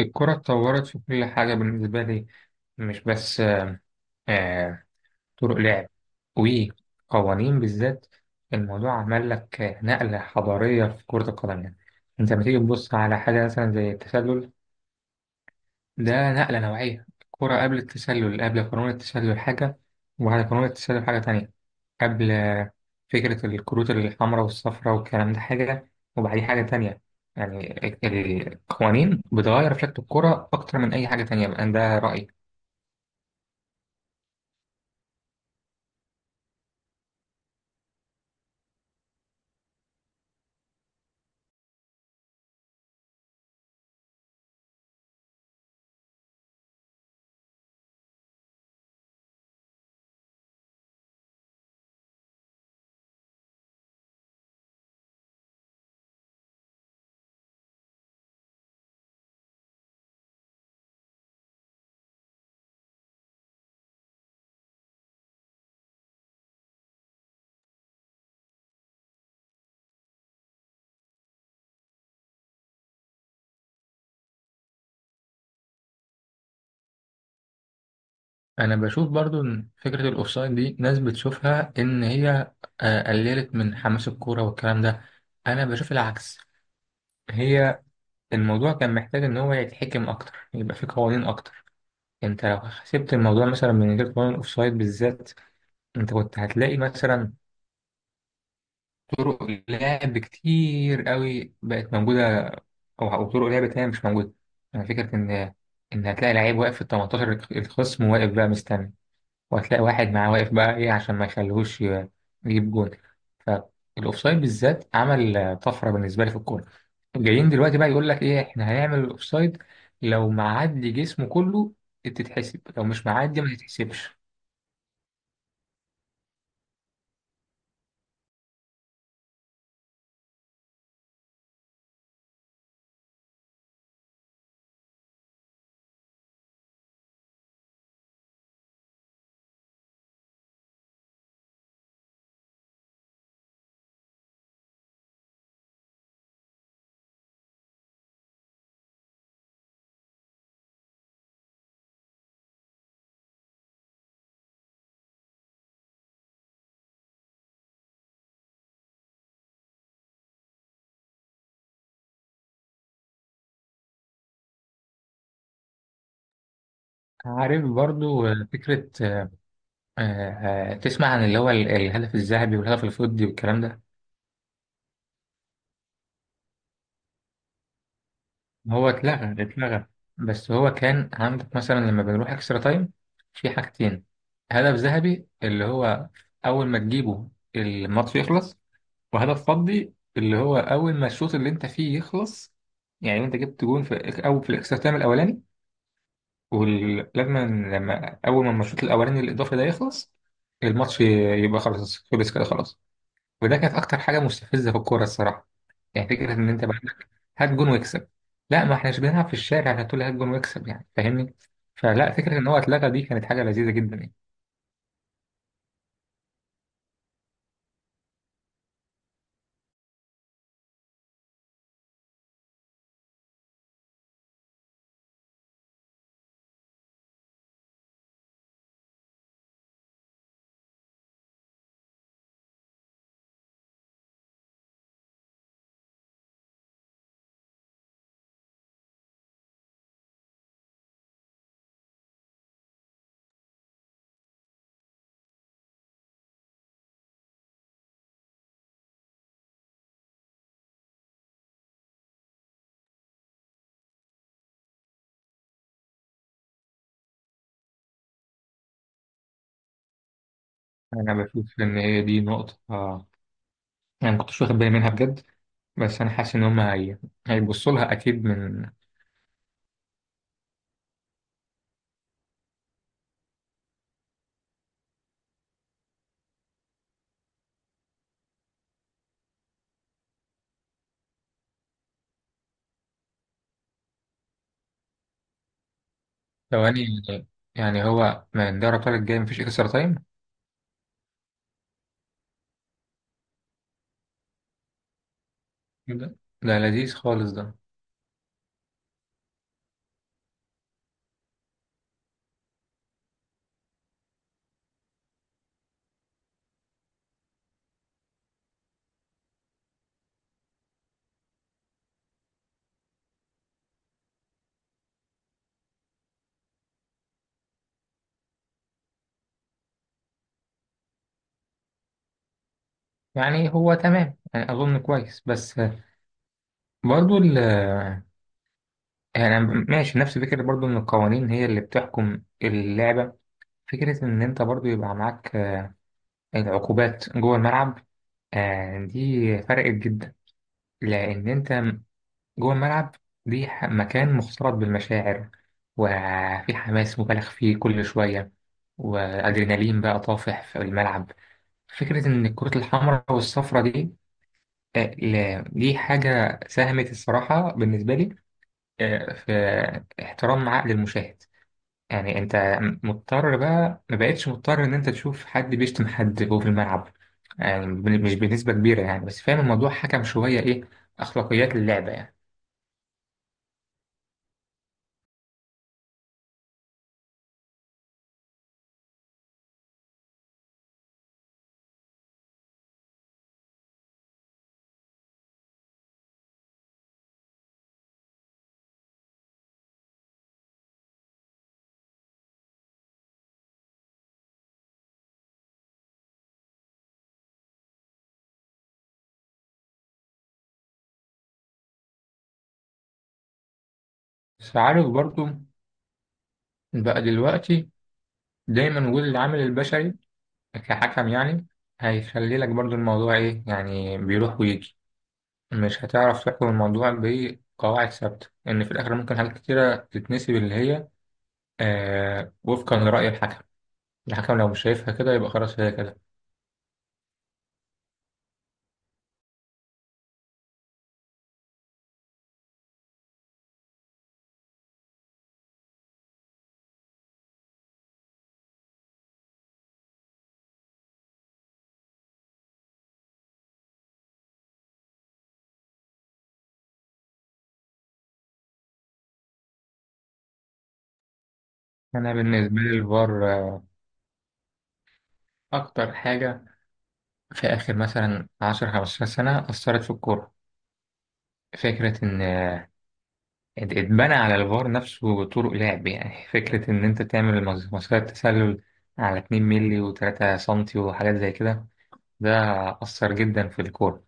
الكرة اتطورت في كل حاجة بالنسبة لي، مش بس آه، طرق لعب وقوانين. بالذات الموضوع عمل لك نقلة حضارية في كرة القدم يعني. انت لما تيجي تبص على حاجة مثلا زي التسلل، ده نقلة نوعية. الكرة قبل التسلل، قبل قانون التسلل، حاجة، وبعد قانون التسلل حاجة تانية. قبل فكرة الكروت الحمراء والصفراء والكلام ده حاجة، وبعديه حاجة تانية. يعني القوانين بتغير في شكل الكرة أكتر من أي حاجة تانية، بقى ده رأيي. أنا بشوف برضو إن فكرة الأوفسايد دي ناس بتشوفها إن هي قللت من حماس الكورة والكلام ده. أنا بشوف العكس، هي الموضوع كان محتاج إن هو يتحكم أكتر، يبقى فيه قوانين أكتر. انت لو حسبت الموضوع مثلا من غير قانون الاوفسايد بالذات، انت كنت هتلاقي مثلا طرق لعب كتير قوي بقت موجوده، او طرق لعب تانية مش موجوده. يعني فكره ان ان هتلاقي لعيب واقف في ال 18، الخصم واقف بقى مستني، وهتلاقي واحد معاه واقف بقى ايه عشان ما يجيب جول. فالاوفسايد بالذات عمل طفره بالنسبه لي في الكوره. جايين دلوقتي بقى يقول لك ايه، احنا هنعمل الاوفسايد لو معدي جسمه كله تتحسب، لو مش معدي ما تتحسبش. عارف برضو فكرة تسمع عن اللي هو الهدف الذهبي والهدف الفضي والكلام ده. هو اتلغى اتلغى، بس هو كان عندك مثلا لما بنروح اكسترا تايم في حاجتين: هدف ذهبي اللي هو أول ما تجيبه الماتش يخلص، وهدف فضي اللي هو أول ما الشوط اللي أنت فيه يخلص. يعني أنت جبت جون في الإك- أو في الاكسترا تايم الأولاني، ولما لما لما أول ما الشوط الأولاني الإضافي ده يخلص الماتش يبقى خلاص، خلص كده خلاص. وده كانت اكتر حاجه مستفزه في الكوره الصراحه. يعني فكره ان انت بقى عندك هات جون واكسب! لا، ما احناش بنلعب في الشارع عشان تقول لي هات جون واكسب يعني، فاهمني. فلا، فكره ان هو اتلغى دي كانت حاجه لذيذه جدا يعني. انا بشوف ان هي دي نقطه انا ما كنتش واخد بالي منها بجد، بس انا حاسس ان هيبصوا لها اكيد من. ثواني، يعني هو من دوري الابطال الجاي مفيش اكسترا تايم؟ ده لذيذ خالص ده. يعني هو تمام، يعني اظن كويس، بس برضو يعني ماشي نفس فكرة برضو إن القوانين هي اللي بتحكم اللعبة. فكرة إن أنت برضو يبقى معاك العقوبات جوه الملعب، دي فرقت جدا. لأن أنت جوه الملعب، مكان مختلط بالمشاعر، وفي حماس مبالغ فيه كل شوية، وأدرينالين بقى طافح في الملعب. فكرة إن الكرة الحمراء والصفراء دي، دي حاجة ساهمت الصراحة بالنسبة لي في احترام عقل المشاهد. يعني انت مضطر بقى، ما بقتش مضطر ان انت تشوف حد بيشتم حد جوه في الملعب. يعني مش بنسبة كبيرة يعني، بس فاهم الموضوع حكم شوية ايه، اخلاقيات اللعبة يعني. بس عارف برضو، بقى دلوقتي دايما وجود العامل البشري كحكم يعني هيخلي لك برضو الموضوع ايه، يعني بيروح ويجي، مش هتعرف تحكم الموضوع بقواعد ثابتة. ان في الاخر ممكن حاجات كتيرة تتنسي، اللي هي آه وفقا لرأي الحكم. الحكم لو مش شايفها كده يبقى خلاص هي كده. أنا بالنسبة لي الفار أكتر حاجة في آخر مثلا عشر خمستاشر سنة أثرت في الكورة. فكرة إن اتبنى على الفار نفسه طرق لعب، يعني فكرة إن أنت تعمل مسيرة تسلل على 2 مللي و3 سنتي وحاجات زي كده، ده أثر جدا في الكورة.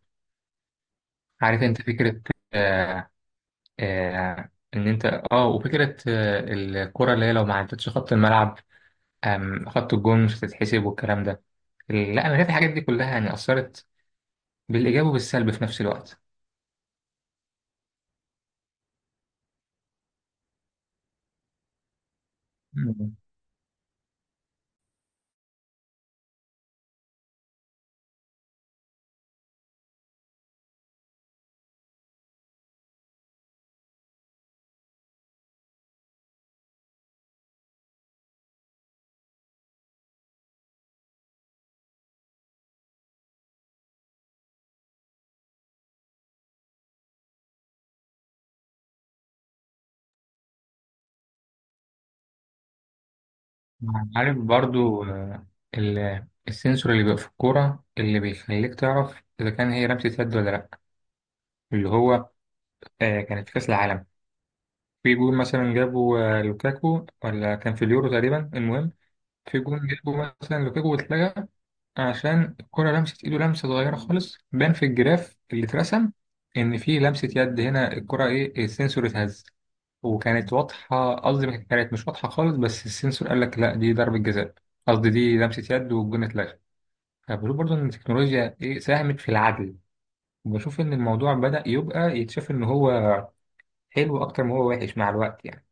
عارف أنت فكرة آه إن أنت، وفكرة الكورة اللي هي لو ما عدتش خط الملعب أم خط الجون مش هتتحسب والكلام ده. لا، أنا شايف الحاجات دي كلها يعني أثرت بالإيجاب وبالسلب في نفس الوقت. مم. عارف برضو السنسور اللي بيبقى في الكورة اللي بيخليك تعرف إذا كان هي لمسة يد ولا لأ، اللي هو كانت في كأس العالم. في جون مثلا جابه لوكاكو، ولا كان في اليورو تقريبا، المهم في جون جابه مثلا لوكاكو واتلغى عشان الكرة لمست ايده لمسة صغيرة خالص، بان في الجراف اللي اترسم ان في لمسة يد هنا، الكرة ايه السنسور اتهز. وكانت واضحة، قصدي ما كانت مش واضحة خالص، بس السنسور قال لك لا دي ضربة جزاء، قصدي دي لمسة يد، والجون اتلغى. فبشوف برضه ان التكنولوجيا ايه ساهمت في العدل، وبشوف ان الموضوع بدأ يبقى يتشاف ان هو حلو اكتر ما هو وحش مع الوقت يعني.